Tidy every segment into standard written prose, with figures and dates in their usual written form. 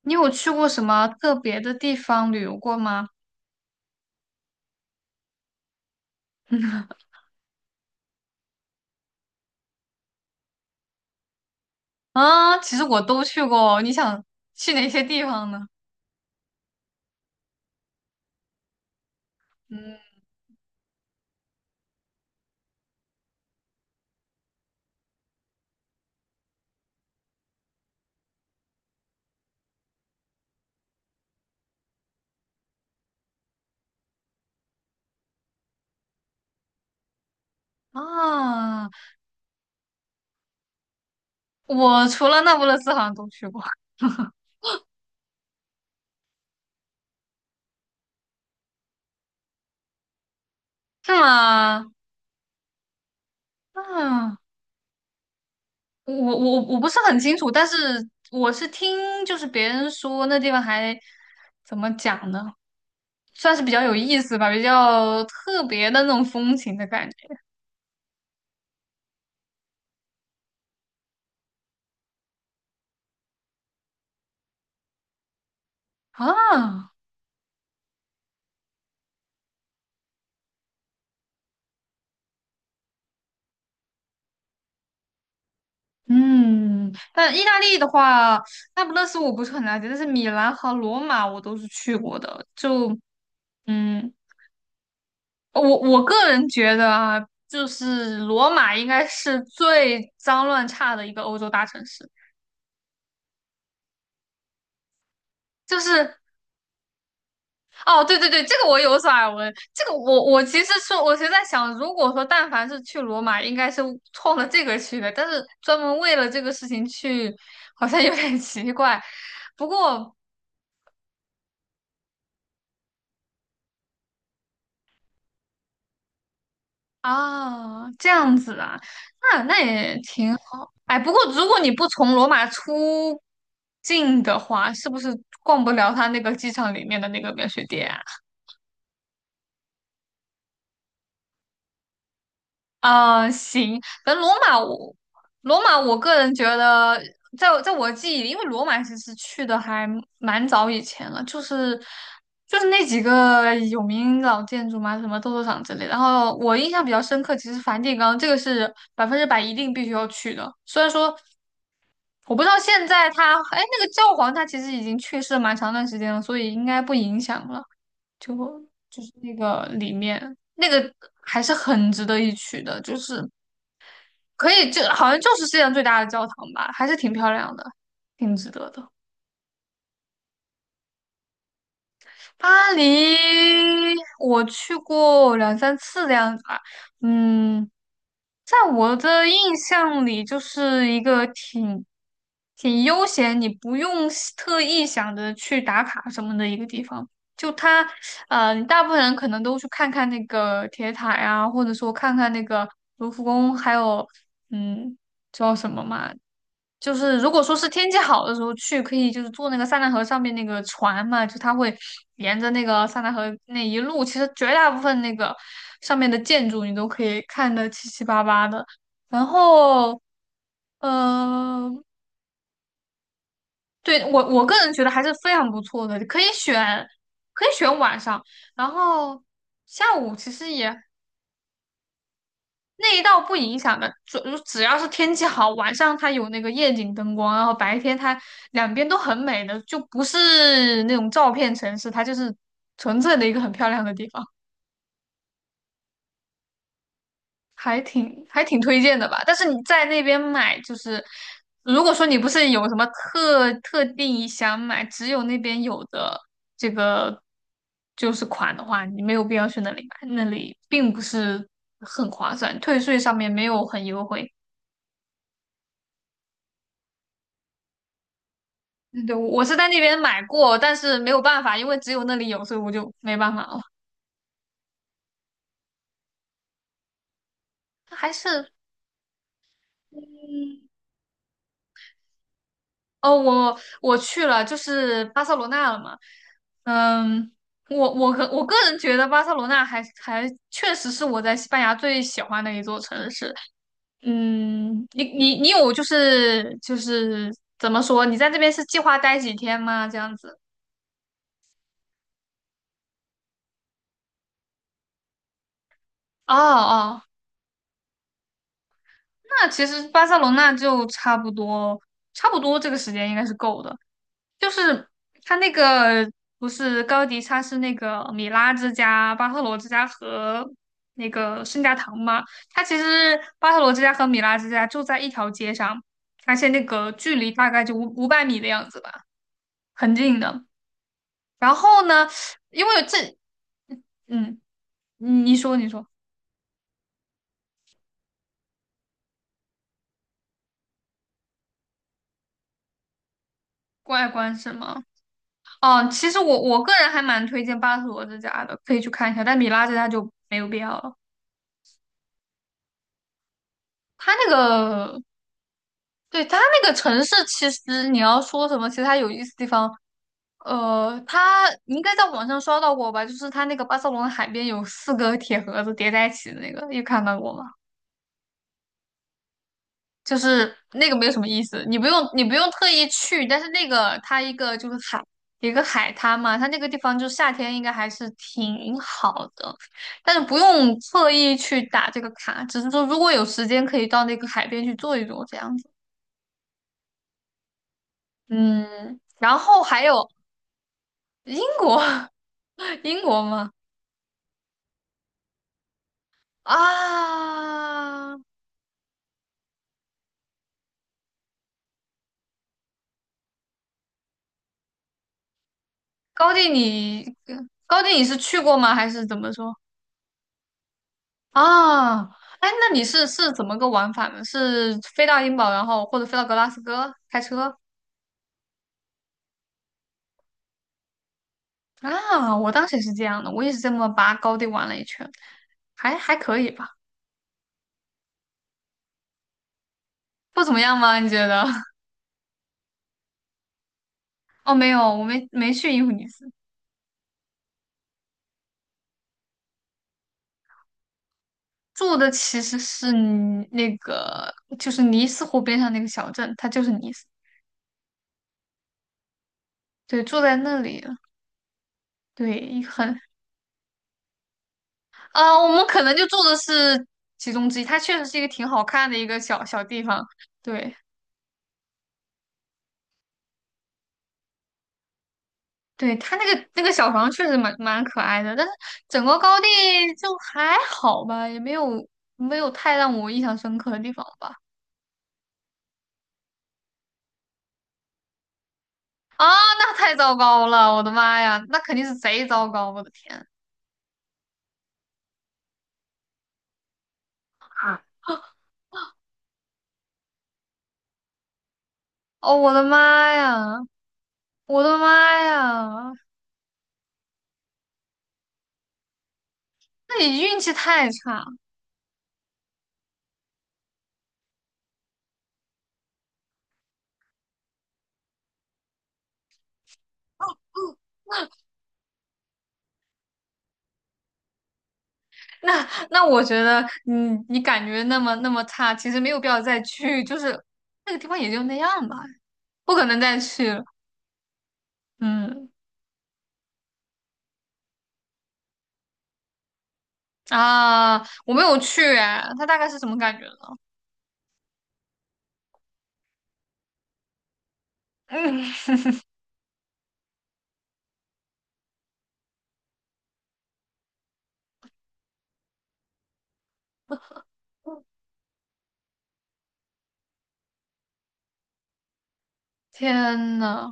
你有去过什么特别的地方旅游过吗？啊，其实我都去过。你想去哪些地方呢？嗯啊，我除了那不勒斯好像都去过。是吗？啊，我不是很清楚，但是我是听就是别人说那地方还怎么讲呢，算是比较有意思吧，比较特别的那种风情的感觉啊。嗯，但意大利的话，那不勒斯我不是很了解，但是米兰和罗马我都是去过的。就嗯，我个人觉得啊，就是罗马应该是最脏乱差的一个欧洲大城市。就是哦，对对对，这个我有所耳闻。这个我其实说，我其实在想，如果说但凡是去罗马，应该是冲着这个去的，但是专门为了这个事情去，好像有点奇怪。不过。啊，这样子啊，那也挺好。哎，不过如果你不从罗马出境的话，是不是逛不了它那个机场里面的那个免税店啊？啊行，反正罗马，我个人觉得在我记忆里，因为罗马其实去的还蛮早以前了，就是那几个有名老建筑嘛，什么斗兽场之类的然后我印象比较深刻，其实梵蒂冈这个是百分之百一定必须要去的，虽然说。我不知道现在他，哎，那个教皇他其实已经去世了蛮长段时间了，所以应该不影响了。就就是那个里面那个还是很值得一去的，就是可以就好像就是世界上最大的教堂吧，还是挺漂亮的，挺值得的。巴黎我去过两三次的样子吧，嗯，在我的印象里，就是一个挺悠闲，你不用是特意想着去打卡什么的一个地方。就它，你大部分人可能都去看看那个铁塔呀，或者说看看那个卢浮宫，还有嗯，叫什么嘛？就是如果说是天气好的时候去，可以就是坐那个塞纳河上面那个船嘛，就它会沿着那个塞纳河那一路，其实绝大部分那个上面的建筑你都可以看得七七八八的。然后，嗯，对，我个人觉得还是非常不错的，可以选晚上，然后下午其实也那一道不影响的，只要是天气好，晚上它有那个夜景灯光，然后白天它两边都很美的，就不是那种照片城市，它就是纯粹的一个很漂亮的地方，还挺推荐的吧。但是你在那边买，就是如果说你不是有什么特定想买，只有那边有的这个就是款的话，你没有必要去那里买，那里并不是很划算，退税上面没有很优惠。嗯对，我是在那边买过，但是没有办法，因为只有那里有，所以我就没办法了。还是，嗯，哦，我去了，就是巴塞罗那了嘛。嗯，我个人觉得巴塞罗那还确实是我在西班牙最喜欢的一座城市。你有就是怎么说？你在这边是计划待几天吗？这样子？哦哦，那其实巴塞罗那就差不多这个时间应该是够的。就是它那个不是高迪，他是那个米拉之家、巴特罗之家和那个圣家堂嘛。它其实巴特罗之家和米拉之家就在一条街上，而且那个距离大概就五百米的样子吧，很近的。然后呢，因为这，嗯，你说，外观是吗？哦，其实我个人还蛮推荐巴特罗之家的，可以去看一下，但米拉之家就没有必要了。它那个对，它那个城市，其实你要说什么，其实它有意思的地方，你应该在网上刷到过吧？就是它那个巴塞罗那海边有四个铁盒子叠在一起的那个，有看到过吗？就是那个没有什么意思，你不用特意去，但是那个它一个就是海，一个海滩嘛，它那个地方就夏天应该还是挺好的，但是不用特意去打这个卡，只是说如果有时间可以到那个海边去坐一坐这样子。嗯，然后还有英国。英国吗？啊，高地你高地你是去过吗？还是怎么说？啊，哎，那你是怎么个玩法呢？是飞到英堡，然后或者飞到格拉斯哥开车？啊，我当时也是这样的，我也是这么把高地玩了一圈，还可以吧。不怎么样吗？你觉得？哦，没有，我没去英弗尼斯，住的其实是尼那个就是尼斯湖边上那个小镇，它就是尼斯，对，住在那里了。对，我们可能就住的是其中之一，它确实是一个挺好看的一个小小地方。对，对，它那个小房确实蛮可爱的，但是整个高地就还好吧，也没有太让我印象深刻的地方吧。啊，那太糟糕了，我的妈呀，那肯定是贼糟糕，我的天！哦，我的妈呀，我的妈呀，那你运气太差了。那那我觉得你感觉那么差，其实没有必要再去，就是那个地方也就那样吧，不可能再去了。嗯啊，我没有去哎，他大概是什么感觉呢？嗯，天呐，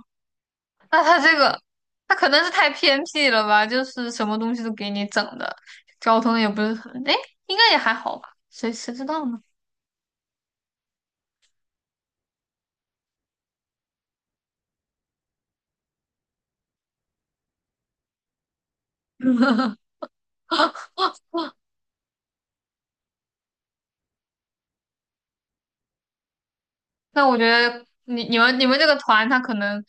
那他这个他可能是太偏僻了吧，就是什么东西都给你整的，交通也不是很，哎，应该也还好吧，谁知道呢？那我觉得你你们这个团他可能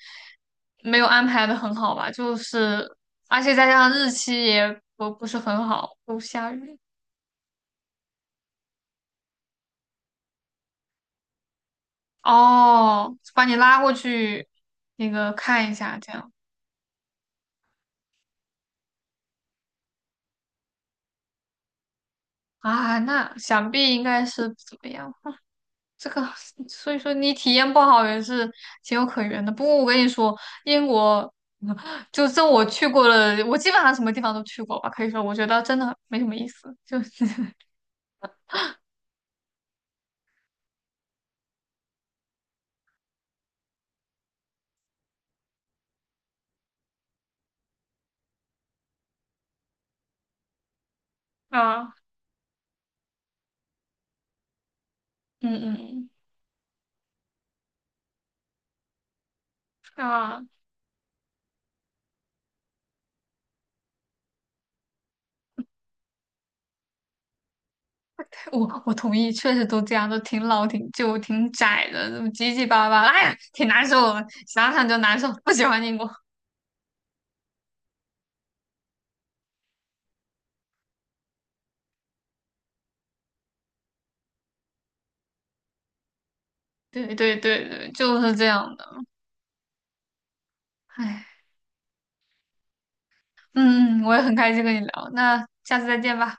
没有安排的很好吧，就是而且再加上日期也不是很好，都下雨。哦，把你拉过去那个看一下，这样啊，那想必应该是不怎么样。这个，所以说你体验不好也是情有可原的。不过我跟你说，英国 就这我去过了，我基本上什么地方都去过吧，可以说我觉得真的没什么意思，就是 啊。嗯嗯，嗯啊，我同意，确实都这样，都挺老、挺旧、挺窄的，怎么结结巴巴哎呀，挺难受的，想想就难受，不喜欢英国。对对对对，就是这样的。哎，嗯嗯，我也很开心跟你聊，那下次再见吧。